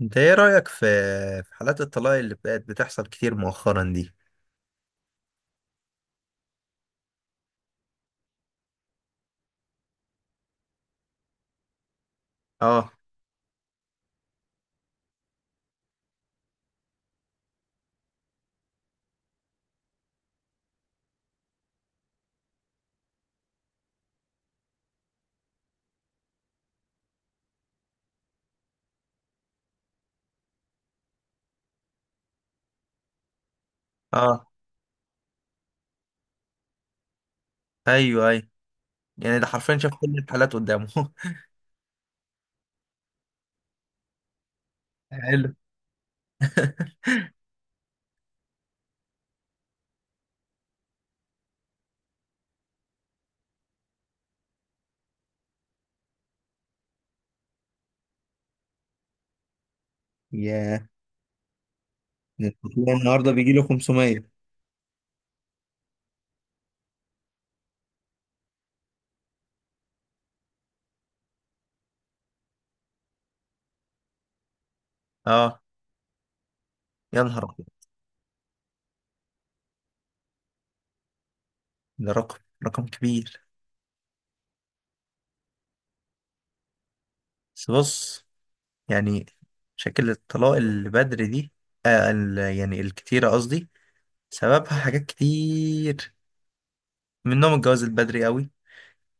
انت ايه رأيك في حالات الطلاق اللي بقت بتحصل كتير مؤخرا دي. اه اه. ايوه ايوه، يعني ده حرفيا شاف كل الحالات قدامه. حلو. ياه، ده التطلع النهارده بيجي له 500. اه، يا نهار ابيض، ده رقم، رقم كبير. بس بص، يعني شكل الطلاق اللي بدري دي، يعني الكتيرة قصدي، سببها حاجات كتير، منهم الجواز البدري قوي،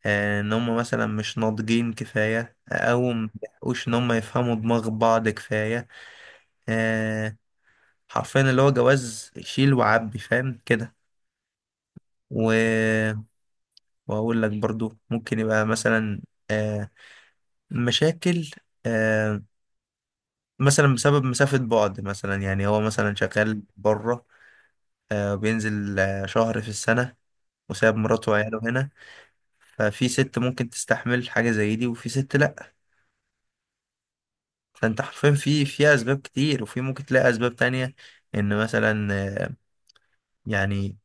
ان هم مثلا مش ناضجين كفايه او ما بيحقوش ان هم يفهموا دماغ بعض كفايه، آه، حرفيا اللي هو جواز شيل وعبي فاهم كده. و... واقول لك برضو ممكن يبقى مثلا آه، مشاكل، آه، مثلا بسبب مسافه بعد، مثلا يعني هو مثلا شغال بره، بينزل شهر في السنه وساب مراته وعياله هنا. ففي ست ممكن تستحمل حاجة زي دي وفي ست لأ. فانت حرفيا في اسباب كتير، وفي ممكن تلاقي اسباب تانية، ان مثلا آه، يعني،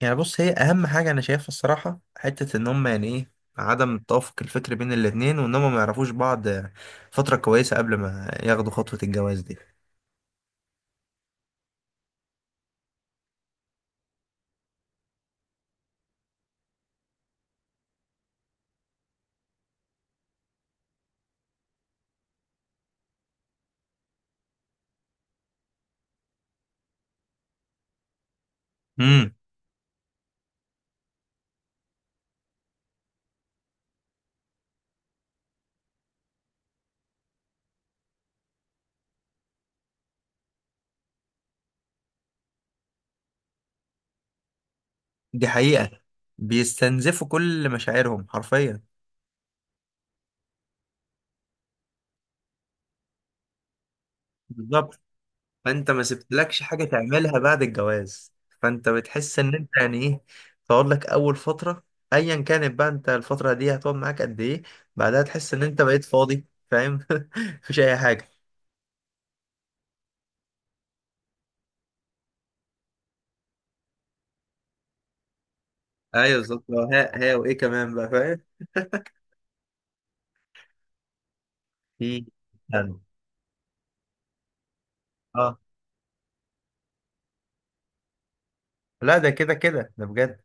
بص هي اهم حاجه انا شايفها الصراحه حته ان هم يعني ايه، عدم التوافق الفكري بين الاتنين وان هم ما يعرفوش بعض فتره كويسه قبل ما ياخدوا خطوه الجواز دي. امم. دي حقيقه، بيستنزفوا كل مشاعرهم حرفيا. بالظبط، فانت ما سبتلكش حاجه تعملها بعد الجواز. فانت بتحس ان انت يعني ايه، تقعد لك اول فتره، ايا كانت بقى انت الفتره دي هتقعد معاك قد ايه، بعدها تحس ان انت بقيت فاضي فاهم. مفيش اي حاجه. ايوه بالظبط. ها ها، وايه كمان بقى فاهم، في، يعني، اه. لا ده كده كده ده بجد.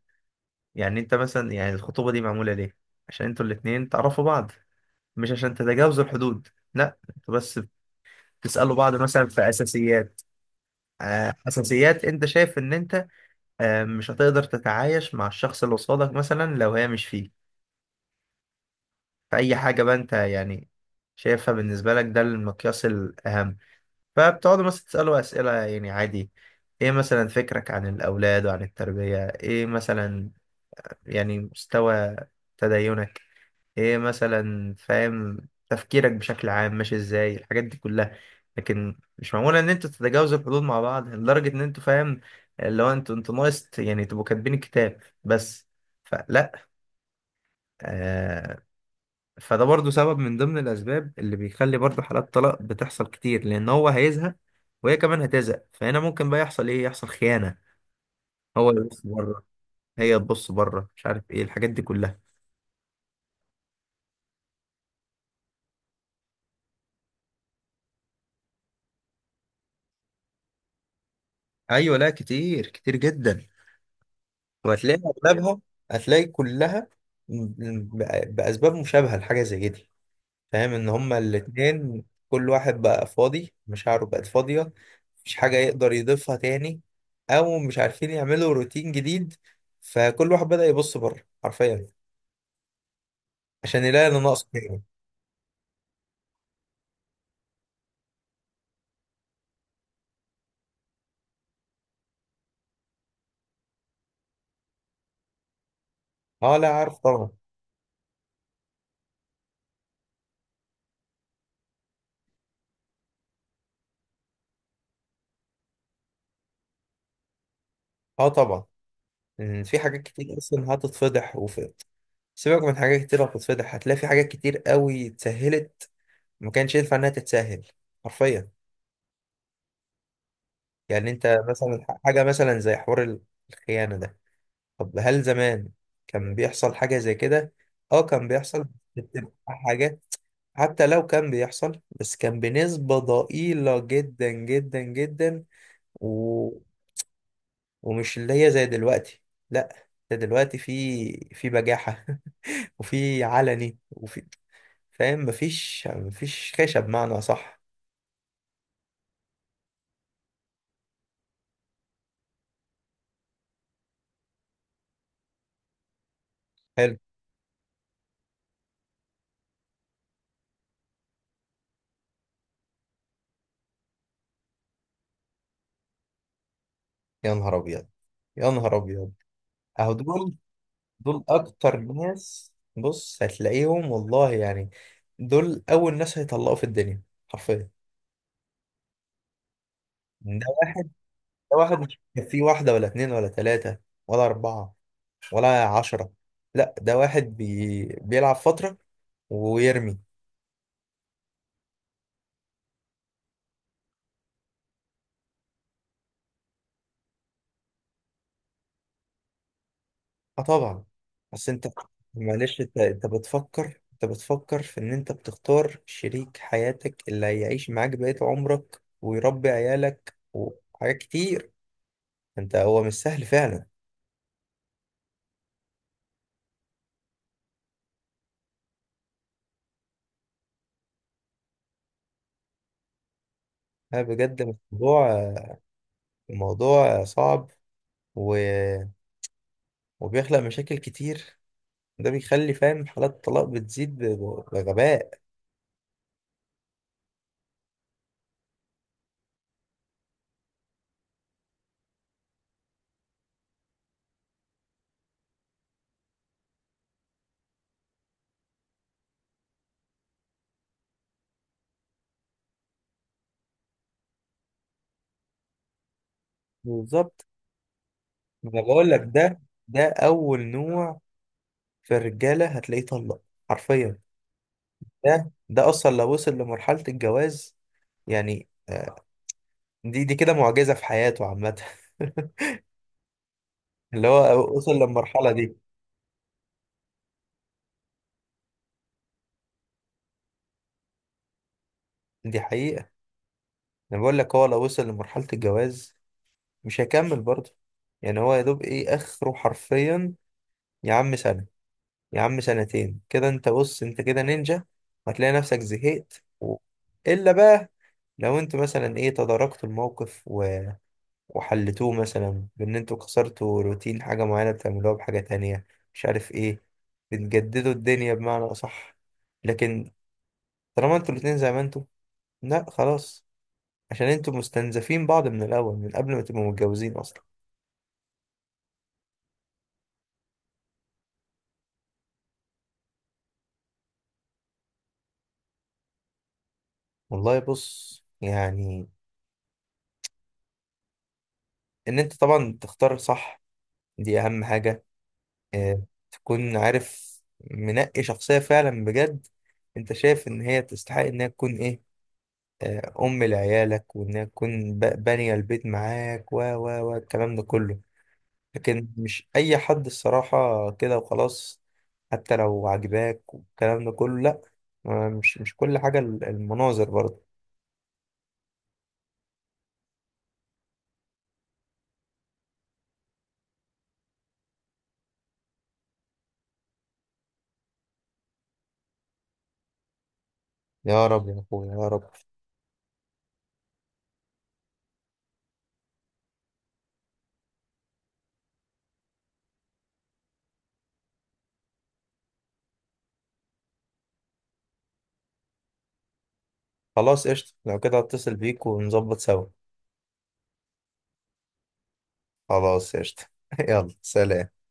يعني انت مثلا، يعني الخطوبه دي معموله ليه؟ عشان انتوا الاتنين تعرفوا بعض، مش عشان تتجاوزوا الحدود. لا، انتوا بس بتسالوا بعض مثلا في اساسيات، اساسيات انت شايف ان انت مش هتقدر تتعايش مع الشخص اللي قصادك مثلا لو هي مش فيه. فأي حاجة بقى أنت يعني شايفها بالنسبة لك ده المقياس الأهم. فبتقعدوا مثلا تسألوا أسئلة يعني عادي، إيه مثلا فكرك عن الأولاد وعن التربية، إيه مثلا يعني مستوى تدينك، إيه مثلا فاهم تفكيرك بشكل عام ماشي إزاي، الحاجات دي كلها. لكن مش معمولة إن أنتوا تتجاوزوا الحدود مع بعض لدرجة إن أنتوا فاهم، اللي هو أنتوا ناقص يعني تبقوا كاتبين الكتاب بس. فلا، آه، فده برضو سبب من ضمن الأسباب اللي بيخلي برضو حالات طلاق بتحصل كتير، لأن هو هيزهق وهي كمان هتزهق. فهنا ممكن بقى يحصل إيه، يحصل خيانة، هو يبص بره، هي تبص بره، مش عارف إيه الحاجات دي كلها. أيوة لا، كتير كتير جدا. وهتلاقي أغلبها، هتلاقي كلها ب- بأسباب مشابهة لحاجة زي دي، فاهم إن هما الاتنين كل واحد بقى فاضي، مشاعره بقت فاضية، مش حاجة يقدر يضيفها تاني، أو مش عارفين يعملوا روتين جديد. فكل واحد بدأ يبص بره حرفيا عشان يلاقي اللي ناقص فيه. اه لا عارف طبعا. اه طبعا، إن في حاجات كتير أصلا هتتفضح، وفي، سيبك من حاجات كتير هتتفضح، هتلاقي في حاجات كتير قوي اتسهلت ما كانش ينفع إنها تتسهل حرفيا. يعني أنت مثلا حاجة مثلا زي حوار الخيانة ده، طب هل زمان كان بيحصل حاجة زي كده؟ اه كان بيحصل، بتبقى حاجات، حتى لو كان بيحصل بس كان بنسبة ضئيلة جدا جدا جدا. و... ومش اللي هي زي دلوقتي. لا ده دلوقتي في بجاحة وفي علني وفي فاهم، مفيش خشب بمعنى صح. حلو. يا نهار ابيض، يا نهار ابيض، اهو دول، دول اكتر ناس بص هتلاقيهم والله يعني، دول اول ناس هيطلقوا في الدنيا حرفيا. ده واحد، ده واحد مش في واحدة ولا اتنين ولا تلاتة ولا أربعة ولا عشرة. لا ده واحد بي... بيلعب فترة ويرمي. اه طبعا. بس انت، معلش، انت بتفكر، انت بتفكر في ان انت بتختار شريك حياتك اللي هيعيش معاك بقية عمرك ويربي عيالك وحاجات كتير. انت هو مش سهل فعلا. اه بجد، الموضوع، الموضوع صعب. و... وبيخلق مشاكل كتير. ده بيخلي فاهم حالات الطلاق بتزيد ب- بغباء. بالظبط. ما انا بقول لك ده، ده اول نوع في الرجاله هتلاقيه طلق حرفيا. ده ده اصلا لو وصل لمرحله الجواز، يعني دي دي كده معجزه في حياته عامه. اللي هو وصل للمرحله دي. دي حقيقه، انا بقول لك هو لو وصل لمرحله الجواز مش هيكمل برضه. يعني هو يا دوب ايه اخره حرفيا، يا عم سنه، يا عم سنتين، كده انت بص انت كده نينجا. هتلاقي نفسك زهقت الا بقى لو انت مثلا ايه، تداركت الموقف وحلتوه مثلا بان انتوا كسرتوا روتين حاجة معينة بتعملوها بحاجة تانية، مش عارف ايه، بتجددوا الدنيا بمعنى اصح. لكن طالما انتوا الاتنين زي ما انتوا، لا خلاص، عشان انتوا مستنزفين بعض من الاول، من قبل ما تبقوا متجوزين اصلا. والله بص يعني، ان انت طبعا تختار صح، دي اهم حاجة. اه. تكون عارف، منقي شخصية فعلا بجد، انت شايف ان هي تستحق انها تكون ايه، أم لعيالك، وإنها تكون ب- بانية البيت معاك و الكلام ده كله. لكن مش أي حد الصراحة كده وخلاص، حتى لو عجباك والكلام ده كله لأ. مش كل حاجة ال- المناظر برضه. يا رب يا أخويا يا رب. خلاص قشطة، لو كده هتصل بيك ونظبط سوا. خلاص قشطة. يلا سلام.